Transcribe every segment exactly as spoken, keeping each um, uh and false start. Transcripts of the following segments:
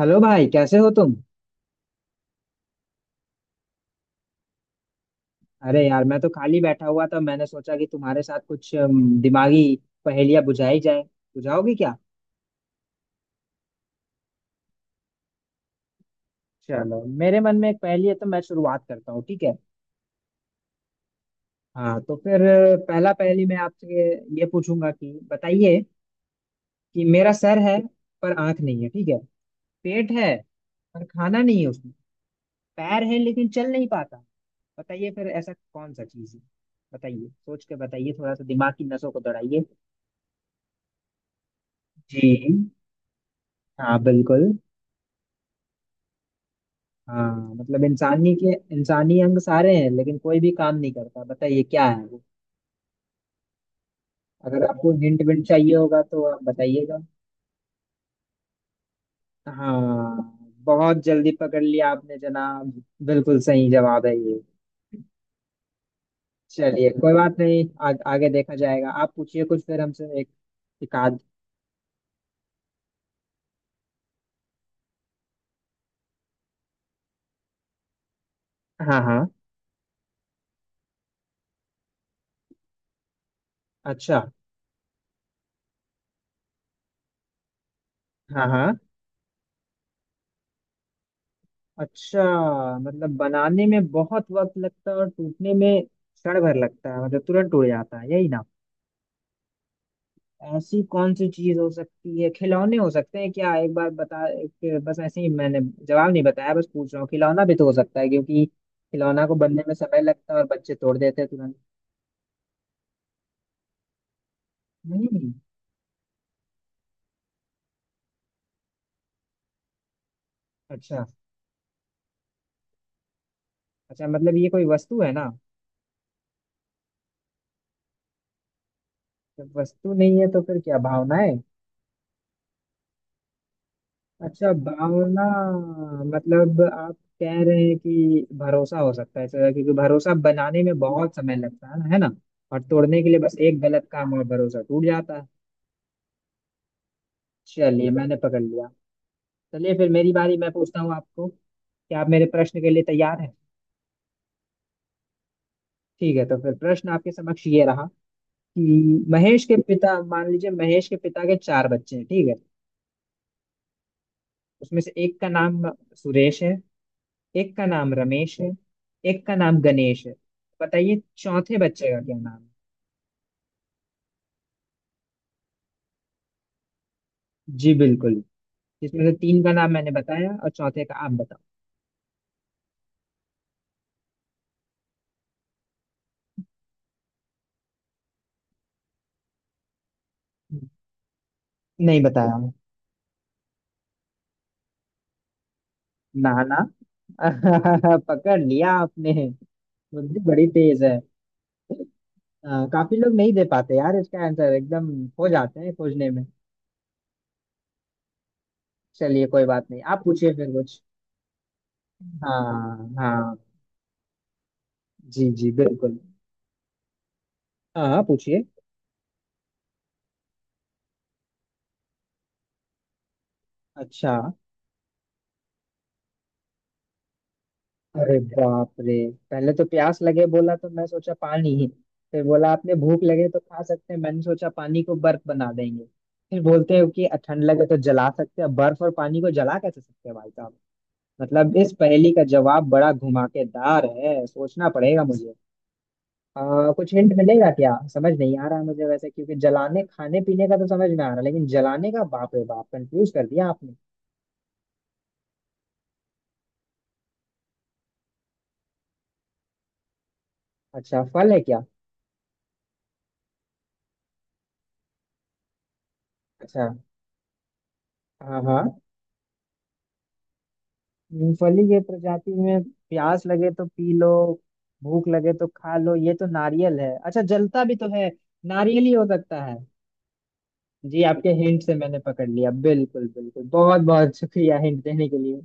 Hello भाई, कैसे हो तुम? अरे यार, मैं तो खाली बैठा हुआ था। मैंने सोचा कि तुम्हारे साथ कुछ अम, दिमागी पहेलियां बुझाई जाए। बुझाओगे क्या? चलो, मेरे मन में एक पहेली है, तो मैं शुरुआत करता हूँ, ठीक है। हाँ, तो फिर अ, पहला पहेली मैं आपसे ये पूछूंगा कि बताइए कि मेरा सर है पर आंख नहीं है, ठीक है। पेट है पर खाना नहीं है उसमें। पैर है लेकिन चल नहीं पाता। बताइए फिर ऐसा कौन सा चीज़ है। बताइए, सोच के बताइए, थोड़ा सा दिमाग की नसों को दौड़ाइए। जी। हाँ, बिल्कुल। हाँ, मतलब इंसानी के इंसानी अंग सारे हैं लेकिन कोई भी काम नहीं करता। बताइए क्या है वो। अगर आपको हिंट विंट चाहिए होगा तो आप बताइएगा। हाँ, बहुत जल्दी पकड़ लिया आपने जनाब। बिल्कुल सही जवाब है ये। चलिए कोई बात नहीं, आ, आगे देखा जाएगा। आप पूछिए कुछ फिर हमसे, एक एक आध। हाँ हाँ। अच्छा। हाँ हाँ। अच्छा, मतलब बनाने में बहुत वक्त लगता है और टूटने में क्षण भर लगता है, मतलब तुरंत टूट जाता है, यही ना। ऐसी कौन सी चीज हो सकती है? खिलौने हो सकते हैं क्या? एक बार बता एक- बस ऐसे ही मैंने जवाब नहीं बताया, बस पूछ रहा हूँ। खिलौना भी तो हो सकता है, क्योंकि खिलौना को बनने में समय लगता है और बच्चे तोड़ देते हैं तुरंत। नहीं। अच्छा। अच्छा, मतलब ये कोई वस्तु है ना। जब वस्तु नहीं है तो फिर क्या भावना है? अच्छा, भावना। मतलब आप कह रहे हैं कि भरोसा हो सकता है सर, क्योंकि भरोसा बनाने में बहुत समय लगता है है ना। और तोड़ने के लिए बस एक गलत काम, और भरोसा टूट जाता है। चलिए, मैंने पकड़ लिया। चलिए फिर मेरी बारी। मैं पूछता हूँ आपको, क्या आप मेरे प्रश्न के लिए तैयार हैं? ठीक है, तो फिर प्रश्न आपके समक्ष ये रहा, कि महेश के पिता, मान लीजिए महेश के पिता के चार बच्चे हैं, ठीक है। उसमें से एक का नाम सुरेश है, एक का नाम रमेश है, एक का नाम गणेश है। बताइए चौथे बच्चे का क्या नाम है। जी बिल्कुल। जिसमें से तीन का नाम मैंने बताया और चौथे का आप बताओ। नहीं बताया। ना ना। पकड़ लिया आपने। बुद्धि बड़ी तेज है। हाँ, काफी लोग नहीं दे पाते यार इसका आंसर, एकदम खो जाते हैं खोजने में। चलिए कोई बात नहीं, आप पूछिए फिर कुछ। हाँ हाँ। जी जी बिल्कुल। हाँ हाँ, पूछिए। अच्छा। अरे बाप रे। पहले तो प्यास लगे बोला, तो मैं सोचा पानी ही। फिर बोला आपने भूख लगे तो खा सकते हैं, मैंने सोचा पानी को बर्फ बना देंगे। फिर बोलते हैं कि ठंड लगे तो जला सकते हैं, बर्फ और पानी को जला कैसे सकते हैं भाई साहब। मतलब इस पहेली का जवाब बड़ा घुमाकेदार है, सोचना पड़ेगा मुझे। आ, कुछ हिंट मिलेगा क्या? समझ नहीं आ रहा है मुझे वैसे, क्योंकि जलाने खाने पीने का तो समझ में आ रहा है, लेकिन जलाने का, बाप रे बाप, कंफ्यूज कर दिया आपने। अच्छा, फल है क्या? अच्छा। हाँ हाँ। मूंगफली के प्रजाति में, प्यास लगे तो पी लो, भूख लगे तो खा लो, ये तो नारियल है। अच्छा, जलता भी तो है। नारियल ही हो सकता है। जी, आपके हिंट से मैंने पकड़ लिया। बिल्कुल बिल्कुल, बहुत बहुत शुक्रिया हिंट देने के लिए।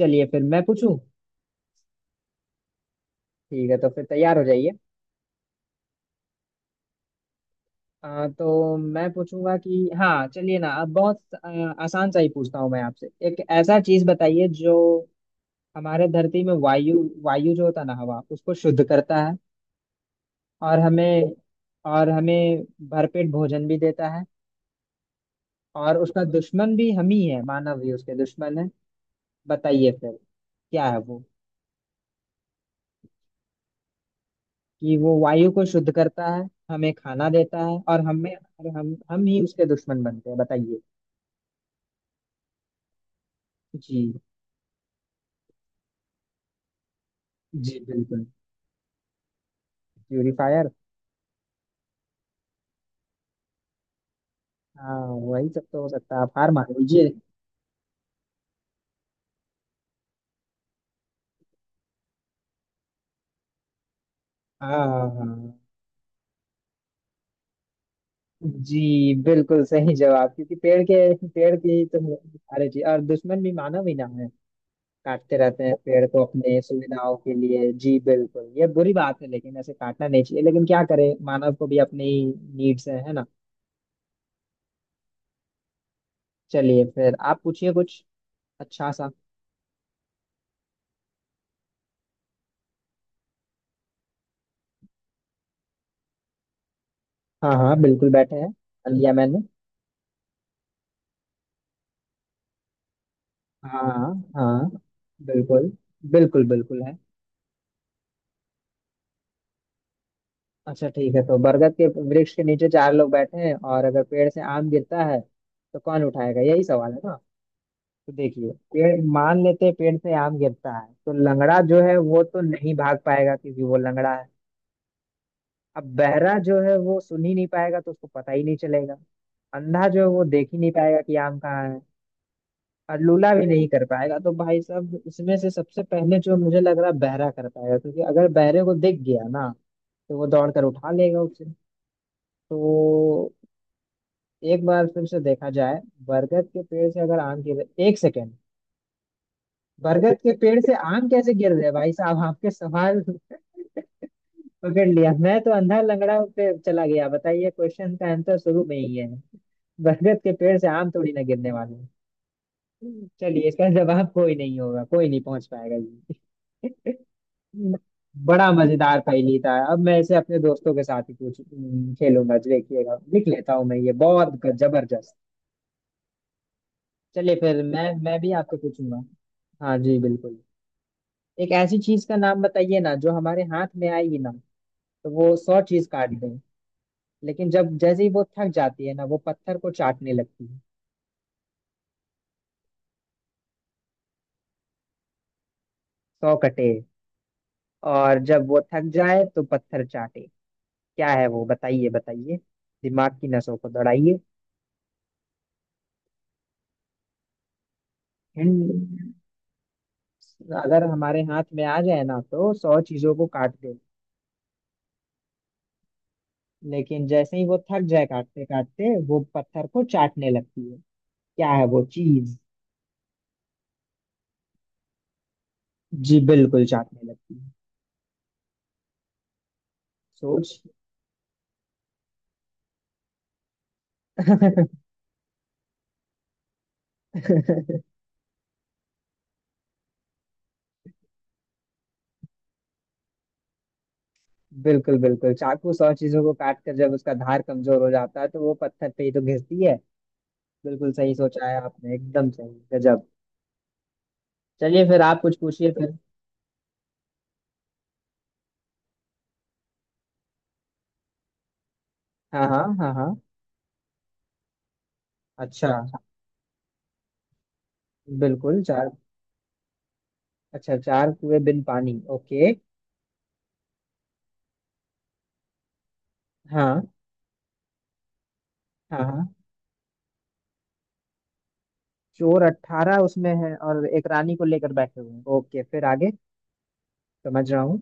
चलिए फिर मैं पूछूं। ठीक है, तो फिर तैयार हो जाइए। आ, तो मैं पूछूंगा कि, हाँ चलिए ना, अब बहुत आ, आसान सा ही पूछता हूँ मैं आपसे। एक ऐसा चीज बताइए जो हमारे धरती में वायु वायु जो होता है ना, हवा, उसको शुद्ध करता है, और हमें, और हमें भरपेट भोजन भी देता है, और उसका दुश्मन भी हम ही है, मानव ही उसके दुश्मन है। बताइए फिर क्या है वो। कि वो वायु को शुद्ध करता है, हमें खाना देता है, और हमें, और हम हम ही उसके दुश्मन बनते हैं। बताइए। जी जी बिल्कुल। प्यूरिफायर। हाँ, वही सब तो हो सकता है, आप हार मान लीजिए। हाँ हाँ हाँ। जी बिल्कुल सही जवाब, क्योंकि पेड़ के पेड़ की तो। अरे जी, और दुश्मन भी मानव ही ना है। काटते रहते हैं पेड़ को अपने सुविधाओं के लिए। जी बिल्कुल ये बुरी बात है, लेकिन ऐसे काटना नहीं चाहिए, लेकिन क्या करें, मानव को भी अपनी नीड्स है, है ना। चलिए फिर आप पूछिए कुछ अच्छा सा। हाँ हाँ, बिल्कुल बैठे हैं, कर लिया मैंने। हाँ हाँ। बिल्कुल। बिल्कुल बिल्कुल है। अच्छा ठीक है, तो बरगद के वृक्ष के नीचे चार लोग बैठे हैं, और अगर पेड़ से आम गिरता है तो कौन उठाएगा, यही सवाल है ना। तो देखिए, पेड़ मान लेते हैं पेड़ से आम गिरता है, तो लंगड़ा जो है वो तो नहीं भाग पाएगा क्योंकि वो लंगड़ा है। अब बहरा जो है वो सुन ही नहीं पाएगा, तो उसको पता ही नहीं चलेगा। अंधा जो है वो देख ही नहीं पाएगा कि आम कहाँ है। और लूला भी नहीं कर पाएगा। तो भाई साहब, इसमें से सबसे पहले जो मुझे लग रहा है, बहरा कर पाएगा, क्योंकि अगर बहरे को दिख गया ना, तो वो दौड़ कर उठा लेगा उसे। तो एक बार फिर से देखा जाए। बरगद के पेड़ से अगर आम गिर, एक सेकेंड, बरगद के पेड़ से आम कैसे गिर रहे भाई साहब आपके सवाल। पकड़ लिया, मैं तो अंधा लंगड़ा पे चला गया। बताइए क्वेश्चन का आंसर शुरू में ही है, बरगद के पेड़ से आम थोड़ी ना गिरने वाले हैं। चलिए इसका जवाब कोई नहीं होगा, कोई नहीं पहुंच पाएगा ये। बड़ा मजेदार पहेली था, अब मैं इसे अपने दोस्तों के साथ ही पूछ खेलूंगा। देखिएगा, लिख लेता हूँ मैं ये, बहुत जबरदस्त। चलिए फिर मैं मैं भी आपको पूछूंगा। हाँ जी बिल्कुल। एक ऐसी चीज का नाम बताइए ना, जो हमारे हाथ में आएगी ना तो वो सौ चीज काट दें, लेकिन जब जैसे ही वो थक जाती है ना, वो पत्थर को चाटने लगती है। सौ कटे, और जब वो थक जाए तो पत्थर चाटे। क्या है वो, बताइए बताइए, दिमाग की नसों को दौड़ाइए। हिंड अगर हमारे हाथ में आ जाए ना तो सौ चीजों को काट दे, लेकिन जैसे ही वो थक जाए काटते काटते वो पत्थर को चाटने लगती है। क्या है वो चीज? जी बिल्कुल, चाटने लगती है। सोच। बिल्कुल बिल्कुल, चाकू, सौ चीजों को काट कर जब उसका धार कमजोर हो जाता है तो वो पत्थर पे ही तो घिसती है। बिल्कुल सही सोचा है आपने, एकदम सही, गजब। चलिए फिर आप कुछ पूछिए फिर। हाँ हाँ हाँ हाँ। अच्छा। बिल्कुल चार। अच्छा, चार कुएं बिन पानी, ओके। हाँ हाँ। हाँ, चोर अट्ठारह उसमें है, और एक रानी को लेकर बैठे हुए हैं। ओके, फिर आगे। समझ रहा हूँ।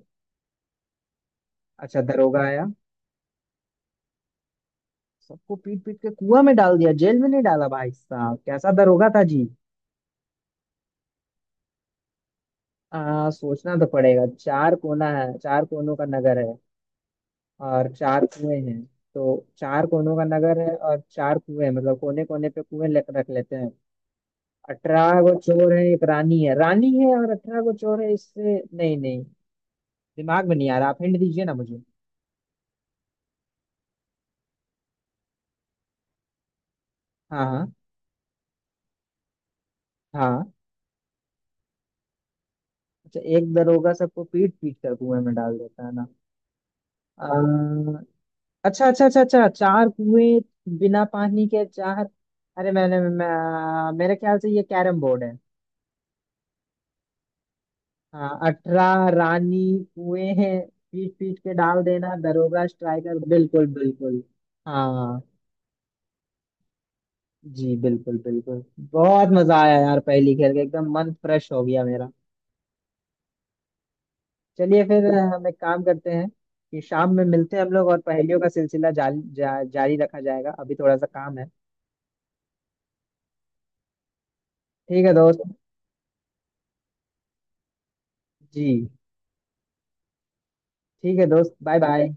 अच्छा दरोगा आया, सबको पीट पीट के कुआं में डाल दिया, जेल में नहीं डाला भाई साहब, कैसा दरोगा था जी। आ, सोचना तो पड़ेगा। चार कोना है, चार कोनों का नगर है, और चार कुएं हैं। तो चार कोनों का नगर है और चार कुएं हैं, मतलब कोने कोने पे कुएं ले- रख लेते हैं। अठारह गो चोर है, एक रानी है, रानी है और अठारह गो चोर है, इससे नहीं, नहीं दिमाग में नहीं आ रहा। आप हिंट दीजिए ना मुझे। हाँ हाँ। हाँ। अच्छा, एक दरोगा सबको पीट पीट कर कुएं में डाल देता है ना। अच्छा अच्छा अच्छा अच्छा, चार कुएं बिना पानी के, चार, अरे मैंने मैं, मेरे ख्याल से ये कैरम बोर्ड है। हाँ, अठारह रानी, कुएं हैं, पीट पीट के डाल देना, दरोगा स्ट्राइकर, बिल्कुल बिल्कुल। हाँ। जी बिल्कुल बिल्कुल। बहुत मजा आया यार, पहली खेल के एकदम मन फ्रेश हो गया मेरा। चलिए फिर अ, हम एक काम करते हैं कि शाम में मिलते हैं हम लोग, और पहेलियों का सिलसिला जारी जा, जारी रखा जाएगा, अभी थोड़ा सा काम है। ठीक है दोस्त। जी। ठीक है दोस्त, बाय बाय।